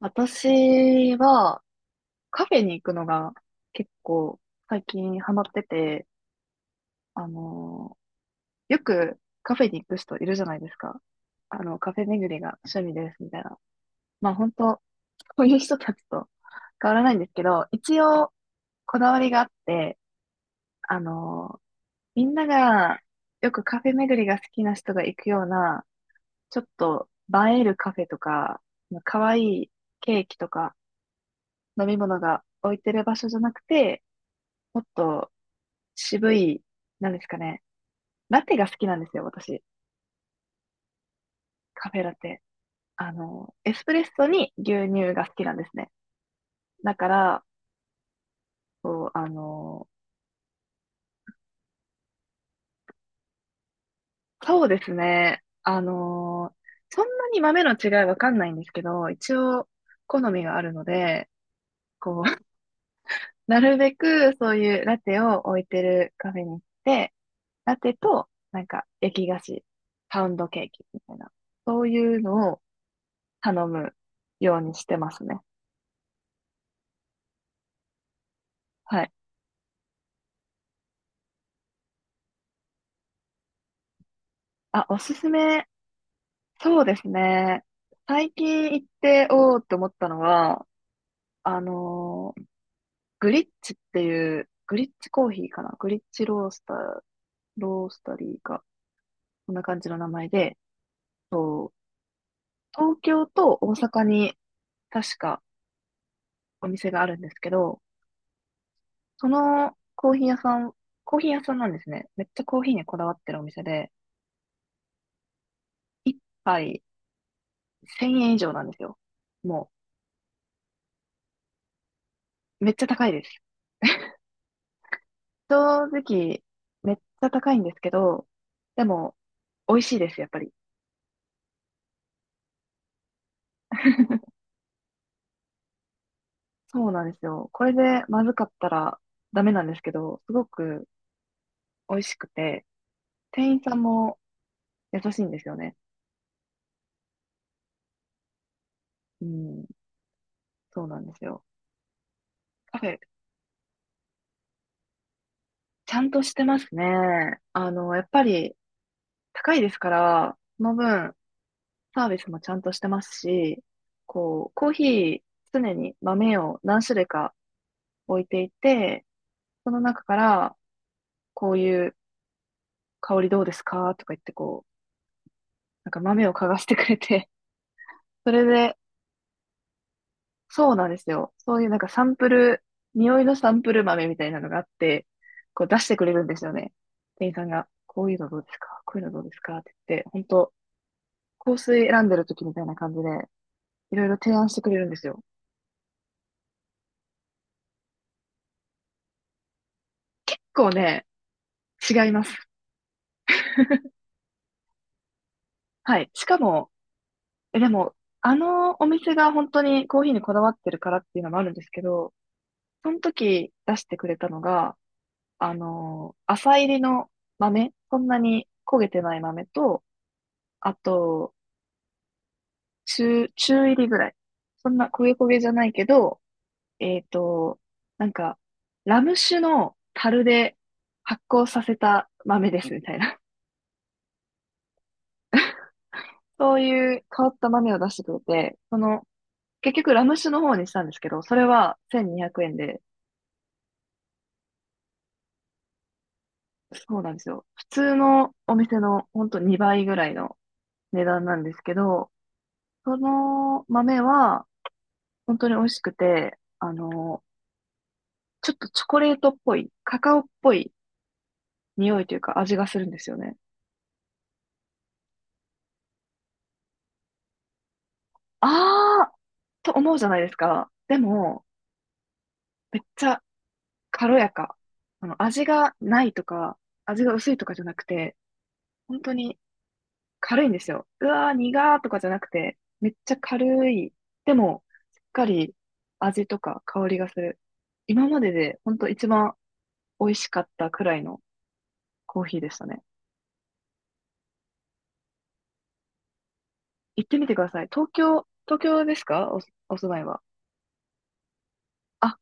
私はカフェに行くのが結構最近ハマってて、あのーよくカフェに行く人いるじゃないですか。あの、カフェ巡りが趣味ですみたいな。まあ本当、そういう人たちと変わらないんですけど、一応こだわりがあって、あのーみんながよくカフェ巡りが好きな人が行くような、ちょっと映えるカフェとか、可愛いケーキとか飲み物が置いてる場所じゃなくて、もっと渋い、なんですかね。ラテが好きなんですよ、私。カフェラテ。あの、エスプレッソに牛乳が好きなんですね。だから、そう、あの、そうですね。あの、そんなに豆の違いわかんないんですけど、一応、好みがあるので、こう、なるべくそういうラテを置いてるカフェに行って、ラテと、なんか、焼き菓子、パウンドケーキみたいな、そういうのを頼むようにしてますね。はい。あ、おすすめ。そうですね。最近行って、おーって思ったのは、あのーグリッチっていう、グリッチコーヒーかなグリッチロースター、ロースタリーか。こんな感じの名前で、そう東京と大阪に確かお店があるんですけど、そのコーヒー屋さん、コーヒー屋さんなんですね。めっちゃコーヒーにこだわってるお店で、一杯1000円以上なんですよ。もう、めっちゃ高いです。正直、めっちゃ高いんですけど、でも、美味しいです、やっぱり。そうなんですよ。これでまずかったらダメなんですけど、すごく美味しくて、店員さんも優しいんですよね。うん、そうなんですよ。カフェ、ちゃんとしてますね。あの、やっぱり高いですから、その分、サービスもちゃんとしてますし、こう、コーヒー、常に豆を何種類か置いていて、その中から、こういう香りどうですかとか言ってこう、なんか豆を嗅がしてくれて、それで、そうなんですよ。そういうなんかサンプル、匂いのサンプル豆みたいなのがあって、こう出してくれるんですよね。店員さんが、こういうのどうですかこういうのどうですかって言って、本当香水選んでる時みたいな感じで、いろいろ提案してくれるんですよ。結構ね、違います。はい。しかも、え、でも、あのお店が本当にコーヒーにこだわってるからっていうのもあるんですけど、その時出してくれたのが、あの、浅入りの豆、そんなに焦げてない豆と、あと、中入りぐらい。そんな焦げ焦げじゃないけど、えっと、なんか、ラム酒の樽で発酵させた豆ですみたいな。そういう変わった豆を出してくれて、その、結局ラム酒の方にしたんですけど、それは1200円で、そうなんですよ。普通のお店のほんと2倍ぐらいの値段なんですけど、その豆は、本当に美味しくて、あの、ちょっとチョコレートっぽい、カカオっぽい匂いというか味がするんですよね。あーと思うじゃないですか。でも、めっちゃ軽やか。あの、味がないとか、味が薄いとかじゃなくて、本当に軽いんですよ。うわー、苦ーとかじゃなくて、めっちゃ軽い。でも、しっかり味とか香りがする。今までで本当一番美味しかったくらいのコーヒーでしたね。行ってみてください。東京ですかお、お住まいは。あ、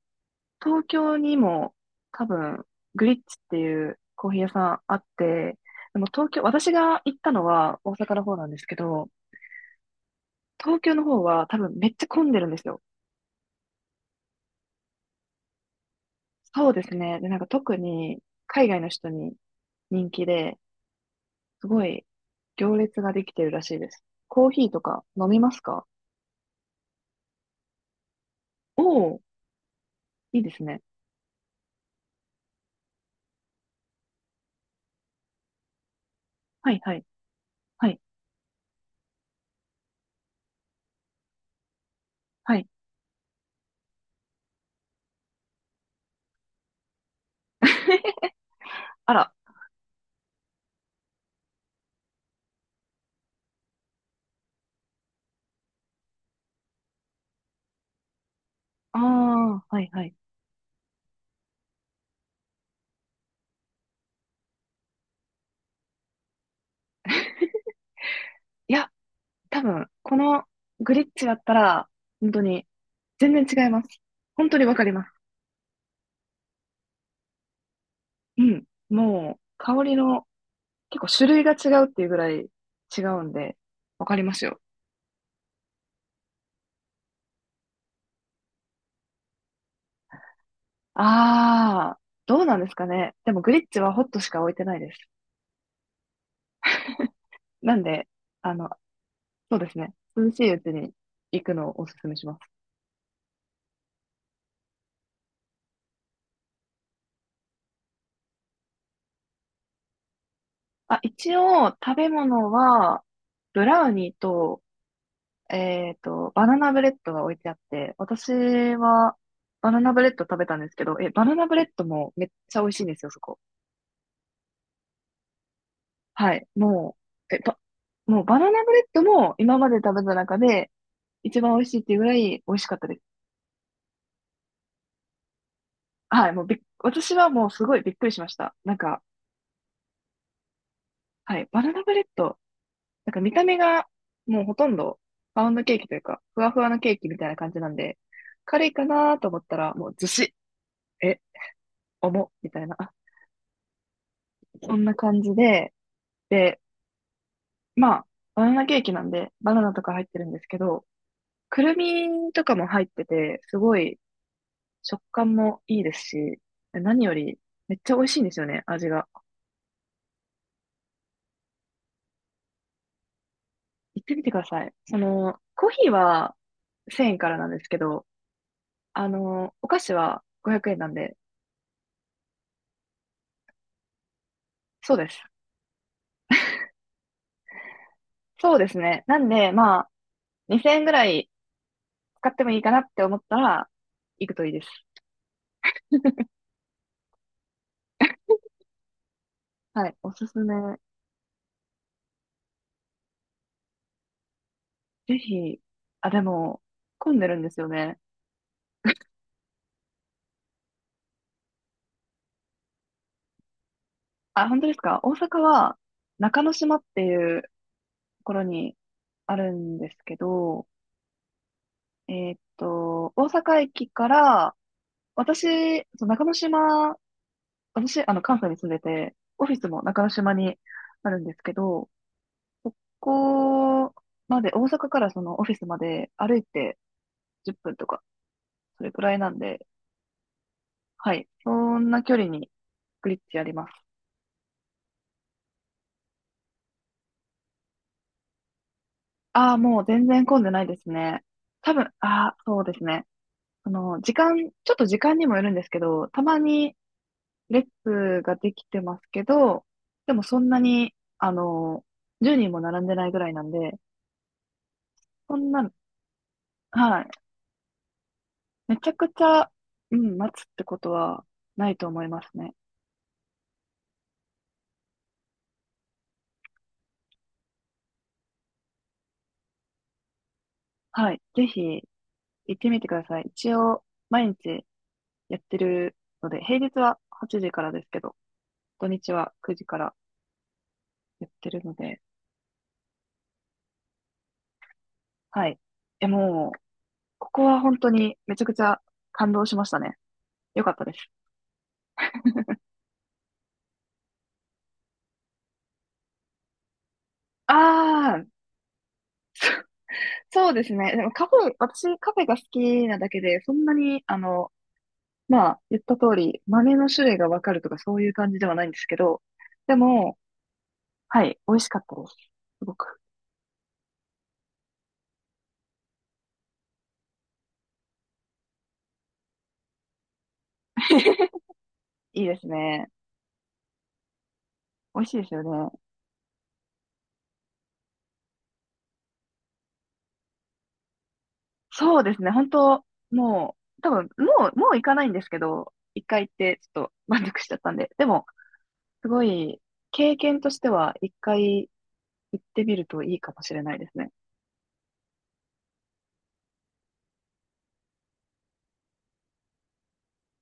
東京にも多分、グリッチっていうコーヒー屋さんあって、でも東京、私が行ったのは大阪の方なんですけど、東京の方は多分めっちゃ混んでるんですよ。そうですね。で、なんか特に海外の人に人気で、すごい行列ができてるらしいです。コーヒーとか飲みますかおおー、いいですね。はいはい、はい、はい。あら、ああ、はいはい。いや多分、このグリッチだったら、本当に、全然違います。本当にわかります。うん。もう、香りの、結構種類が違うっていうぐらい違うんで、わかりますよ。あー、どうなんですかね。でもグリッチはホットしか置いてないです。なんで、あの、そうですね。涼しいうちに行くのをおすすめします。あ、一応、食べ物は、ブラウニーと、バナナブレッドが置いてあって、私はバナナブレッド食べたんですけど、え、バナナブレッドもめっちゃ美味しいんですよ、そこ。はい。もう、もうバナナブレッドも今まで食べた中で一番美味しいっていうぐらい美味しかったです。はい。もうびっ、私はもうすごいびっくりしました。なんか、はい。バナナブレッド、なんか見た目がもうほとんどパウンドケーキというか、ふわふわのケーキみたいな感じなんで、軽いかなと思ったらもうずし、え、重っ、みたいな、あそんな感じで、で、まあ、バナナケーキなんで、バナナとか入ってるんですけど、くるみとかも入ってて、すごい食感もいいですし、何よりめっちゃ美味しいんですよね、味が。行ってみてください。その、コーヒーは1000円からなんですけど、あの、お菓子は500円なんで、そうです。そうですね。なんで、まあ、2000円ぐらい使ってもいいかなって思ったら、行くといいです。はい、おすすめ。ぜひ、あ、でも、混んでるんですよね。あ、本当ですか大阪は中之島っていうところにあるんですけど、えーっと、大阪駅から、私、そう中之島、私、あの、関西に住んでて、オフィスも中之島にあるんですけど、ここまで、大阪からそのオフィスまで歩いて10分とか、それくらいなんで、はい、そんな距離にグリッチあります。ああ、もう全然混んでないですね。多分、ああ、そうですね。ちょっと時間にもよるんですけど、たまに列ができてますけど、でもそんなに、あの、10人も並んでないぐらいなんで、そんな、はい。めちゃくちゃ、うん、待つってことはないと思いますね。はい。ぜひ行ってみてください。一応、毎日やってるので、平日は8時からですけど、土日は9時からやってるので、はい。え、もう、ここは本当にめちゃくちゃ感動しましたね。よかったです。ああ、そうですね。でもカフェ、私カフェが好きなだけで、そんなに、あの、まあ、言った通り、豆の種類がわかるとかそういう感じではないんですけど、でも、はい、美味しかったです。すごく。いいですね。美味しいですよね。そうですね。本当もう、もう行かないんですけど、一回行って、ちょっと満足しちゃったんで。でも、すごい、経験としては、一回行ってみるといいかもしれないですね。